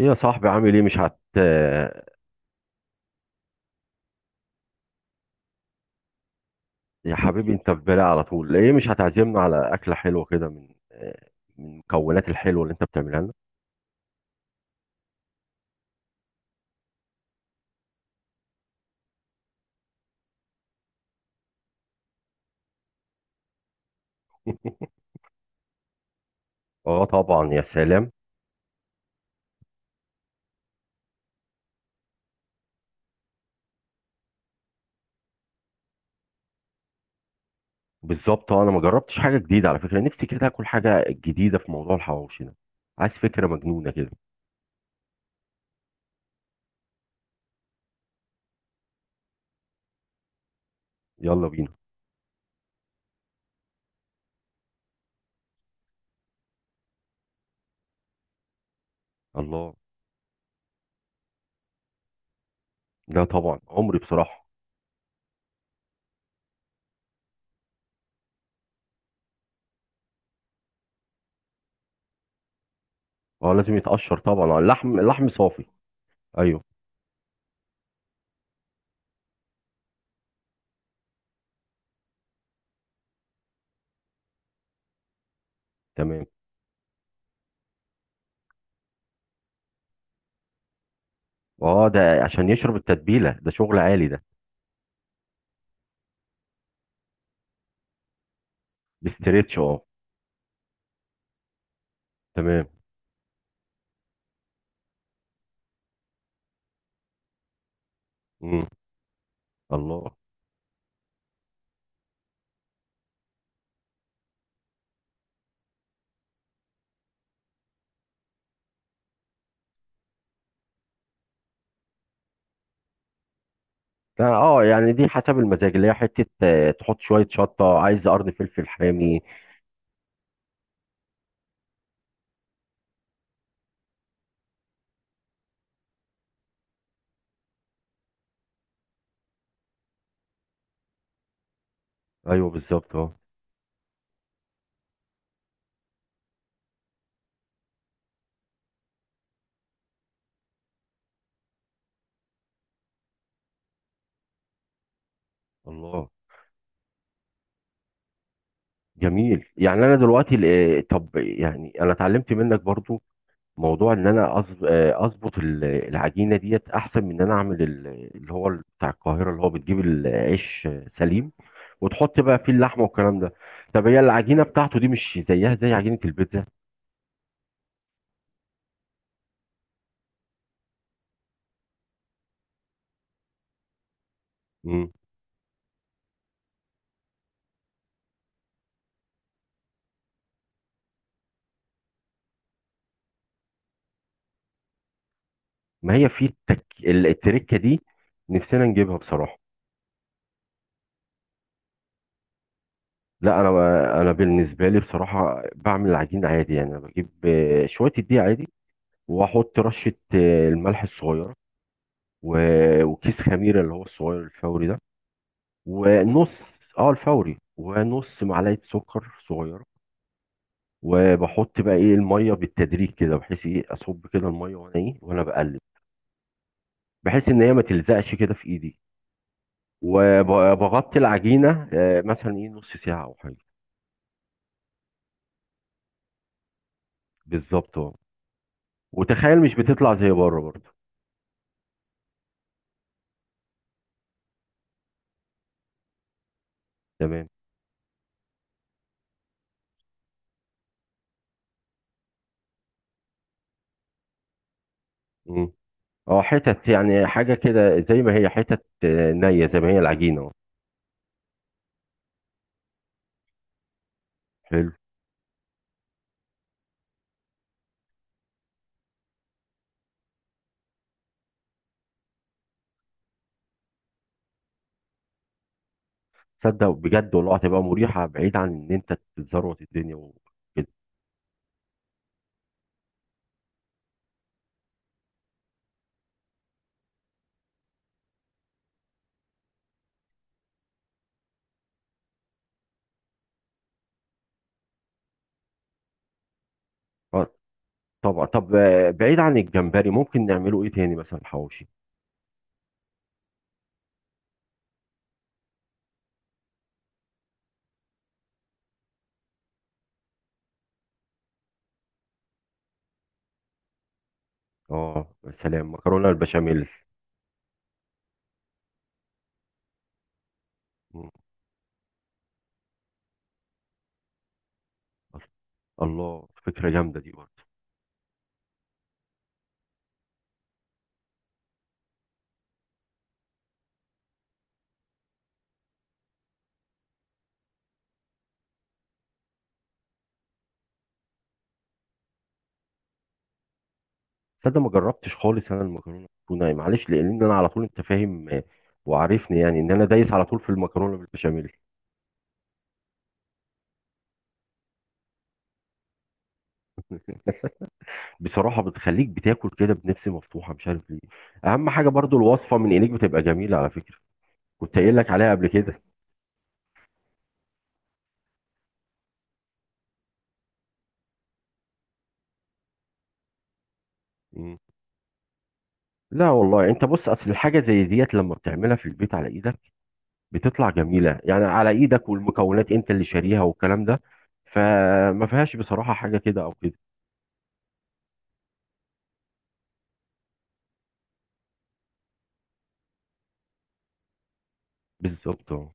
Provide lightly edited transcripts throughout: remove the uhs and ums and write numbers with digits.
ايه يا صاحبي، عامل ايه؟ مش هت يا حبيبي، انت في بالي على طول. ليه مش هتعزمنا على اكله حلوه كده من المكونات الحلوه اللي انت بتعملها لنا؟ اه، طبعا، يا سلام. بالظبط، انا ما جربتش حاجه جديده. على فكره نفسي كده اكل حاجه جديده في موضوع الحواوشي ده. عايز فكره مجنونه كده. يلا بينا. الله. لا طبعا، عمري، بصراحه. اه، لازم يتقشر طبعا. اه، اللحم اللحم صافي. ايوه. تمام. اه، ده عشان يشرب التتبيله، ده شغل عالي ده. بستريتش، اه. تمام. امم. الله. اه، يعني دي حسب المزاج، اللي هي حتة تحط شوية شطة، عايز قرن فلفل حامي. ايوه، بالظبط، اه. الله. جميل. يعني انا دلوقتي طب يعني انا اتعلمت منك برضو موضوع ان انا اظبط العجينة ديت احسن من ان انا اعمل اللي هو بتاع القاهرة، اللي هو بتجيب العيش سليم، وتحط بقى فيه اللحمة والكلام ده. طب هي العجينة بتاعته دي مش زيها زي عجينة البيتزا؟ مم. ما هي في التركة دي، نفسنا نجيبها بصراحة. لا، انا بالنسبه لي بصراحه بعمل العجين عادي. يعني انا بجيب شويه الدقيق عادي، واحط رشه الملح الصغيره، و- وكيس خميره اللي هو الصغير الفوري ده، ونص. اه، الفوري، ونص معلقه سكر صغيره. وبحط بقى ايه الميه بالتدريج كده، بحيث ايه اصب كده الميه وانا ايه وانا بقلب، بحيث ان هي ما تلزقش كده في ايدي. وبغطي العجينه مثلا ايه نص ساعه او حاجه. بالظبط، اه. وتخيل مش بتطلع زي بره برضه. تمام. مم. اه، حتت، يعني حاجة كده زي ما هي، حتت نية، زي ما هي العجينة اهو. حلو. تصدق بجد، والله هتبقى مريحة، بعيد عن ان انت تتزروت الدنيا وكده. اه، طبعا. طب بعيد عن الجمبري، ممكن نعمله ايه تاني؟ مثلا حواوشي. اه يا سلام، مكرونة البشاميل. مم. الله، فكرة جامدة دي برضه. تصدق ما جربتش خالص انا المكرونة بالتونة، معلش، لان انا على طول انت فاهم، وعارفني، يعني ان انا دايس على طول في المكرونة بالبشاميل. بصراحة بتخليك بتاكل كده بنفس مفتوحة، مش عارف ليه. أهم حاجة برضو الوصفة من إيديك بتبقى جميلة على فكرة. كنت قايل لك عليها قبل كده. مم. لا والله، أنت بص، أصل الحاجة زي ديت لما بتعملها في البيت على إيدك بتطلع جميلة. يعني على إيدك، والمكونات أنت اللي شاريها والكلام ده، فما فيهاش بصراحة حاجة كده أو كده. بالظبط، أه.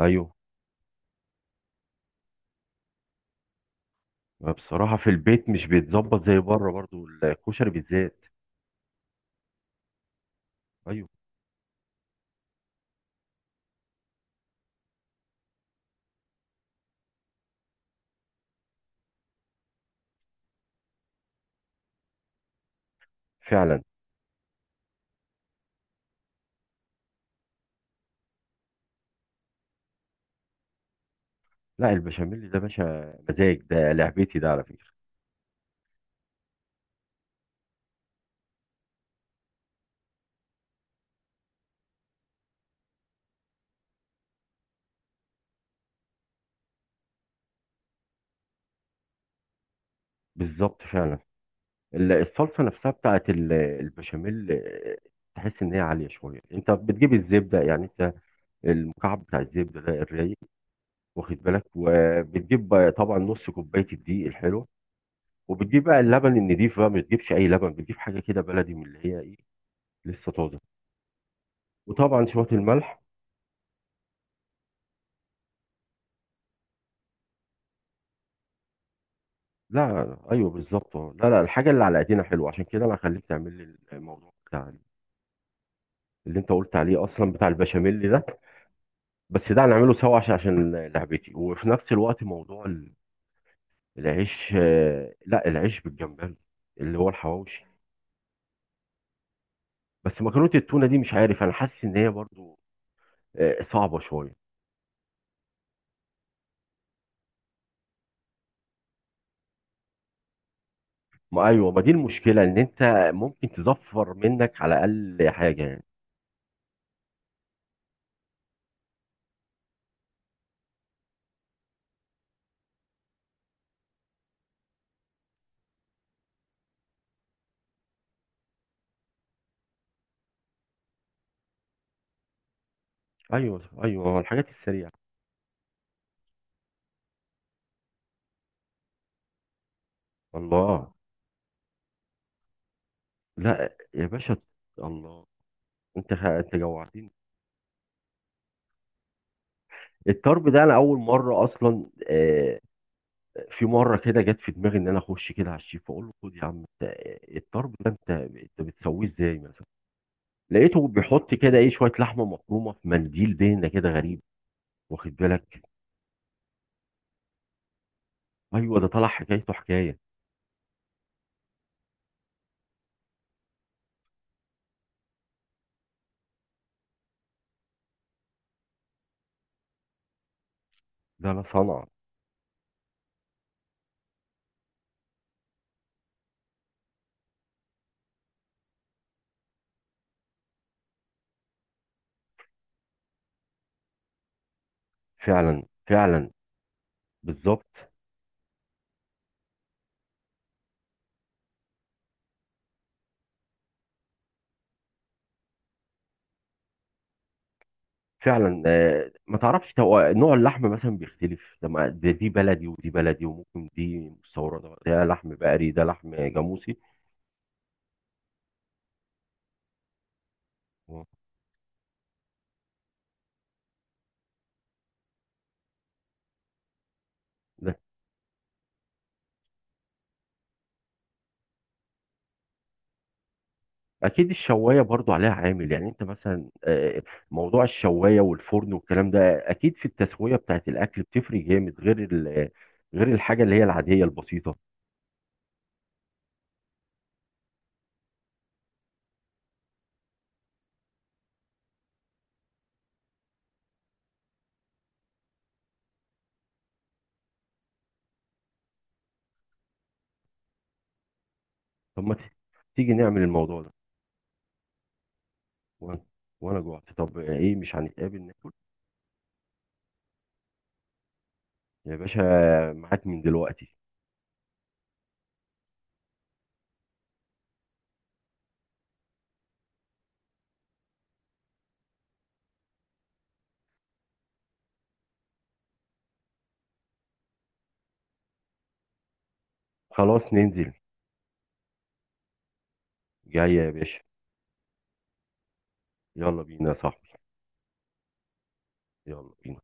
أيوه. بصراحة في البيت مش بيتظبط زي بره برضو الكشري بالذات. أيوه، فعلا. لا، البشاميل ده باشا مزاج، ده لعبتي ده على فكرة. بالظبط، فعلا. الصلصه نفسها بتاعت البشاميل، تحس ان هي عاليه شويه. انت بتجيب الزبده، يعني انت المكعب بتاع الزبده ده الرايق، واخد بالك. وبتجيب بقى طبعا نص كوبايه الدقيق الحلوه. وبتجيب بقى اللبن النضيف بقى، ما بتجيبش اي لبن، بتجيب حاجه كده بلدي من اللي هي ايه، لسه طازه. وطبعا شويه الملح. لا، ايوه، بالظبط. لا، لا، الحاجه اللي على ايدينا حلوه. عشان كده انا هخليك تعمل لي الموضوع بتاع اللي انت قلت عليه اصلا، بتاع البشاميل ده. بس ده هنعمله سوا، عشان لعبتي، وفي نفس الوقت موضوع العيش. لا، العيش بالجمبري، اللي هو الحواوشي. بس مكرونه التونه دي مش عارف، انا حاسس ان هي برضو صعبه شويه. ما ايوه، ما دي المشكله، ان انت ممكن تزفر منك على الاقل حاجه يعني. ايوه، ايوه، الحاجات السريعه. الله. لا يا باشا. الله. انت جوعتني. الطرب ده انا اول مره اصلا. في مره كده جت في دماغي ان انا اخش كده على الشيف، اقول له خد يا عم انت، الطرب ده، انت بتسويه ازاي مثلا؟ لقيته بيحط كده ايه شويه لحمه مفرومه في منديل دهنه كده غريب، واخد بالك. ايوه، ده طلع حكايته حكايه. ده لا صنع. فعلا، فعلا، بالظبط، فعلا. آه، ما تعرفش نوع اللحم مثلا بيختلف. ده ما- ده دي بلدي، ودي بلدي، وممكن دي مستورده، ده لحم بقري، ده لحم جاموسي. اكيد الشوايه برضو عليها عامل، يعني انت مثلا موضوع الشوايه والفرن والكلام ده اكيد في التسويه بتاعت الاكل بتفرق جامد، غير غير الحاجه اللي هي العاديه البسيطه. طب ما تيجي نعمل الموضوع ده؟ وانا وانا جوعت. طب ايه، مش هنتقابل ناكل؟ يا باشا، معاك من دلوقتي. خلاص ننزل. جاي يا باشا. يلا بينا يا صاحبي. يلا بينا.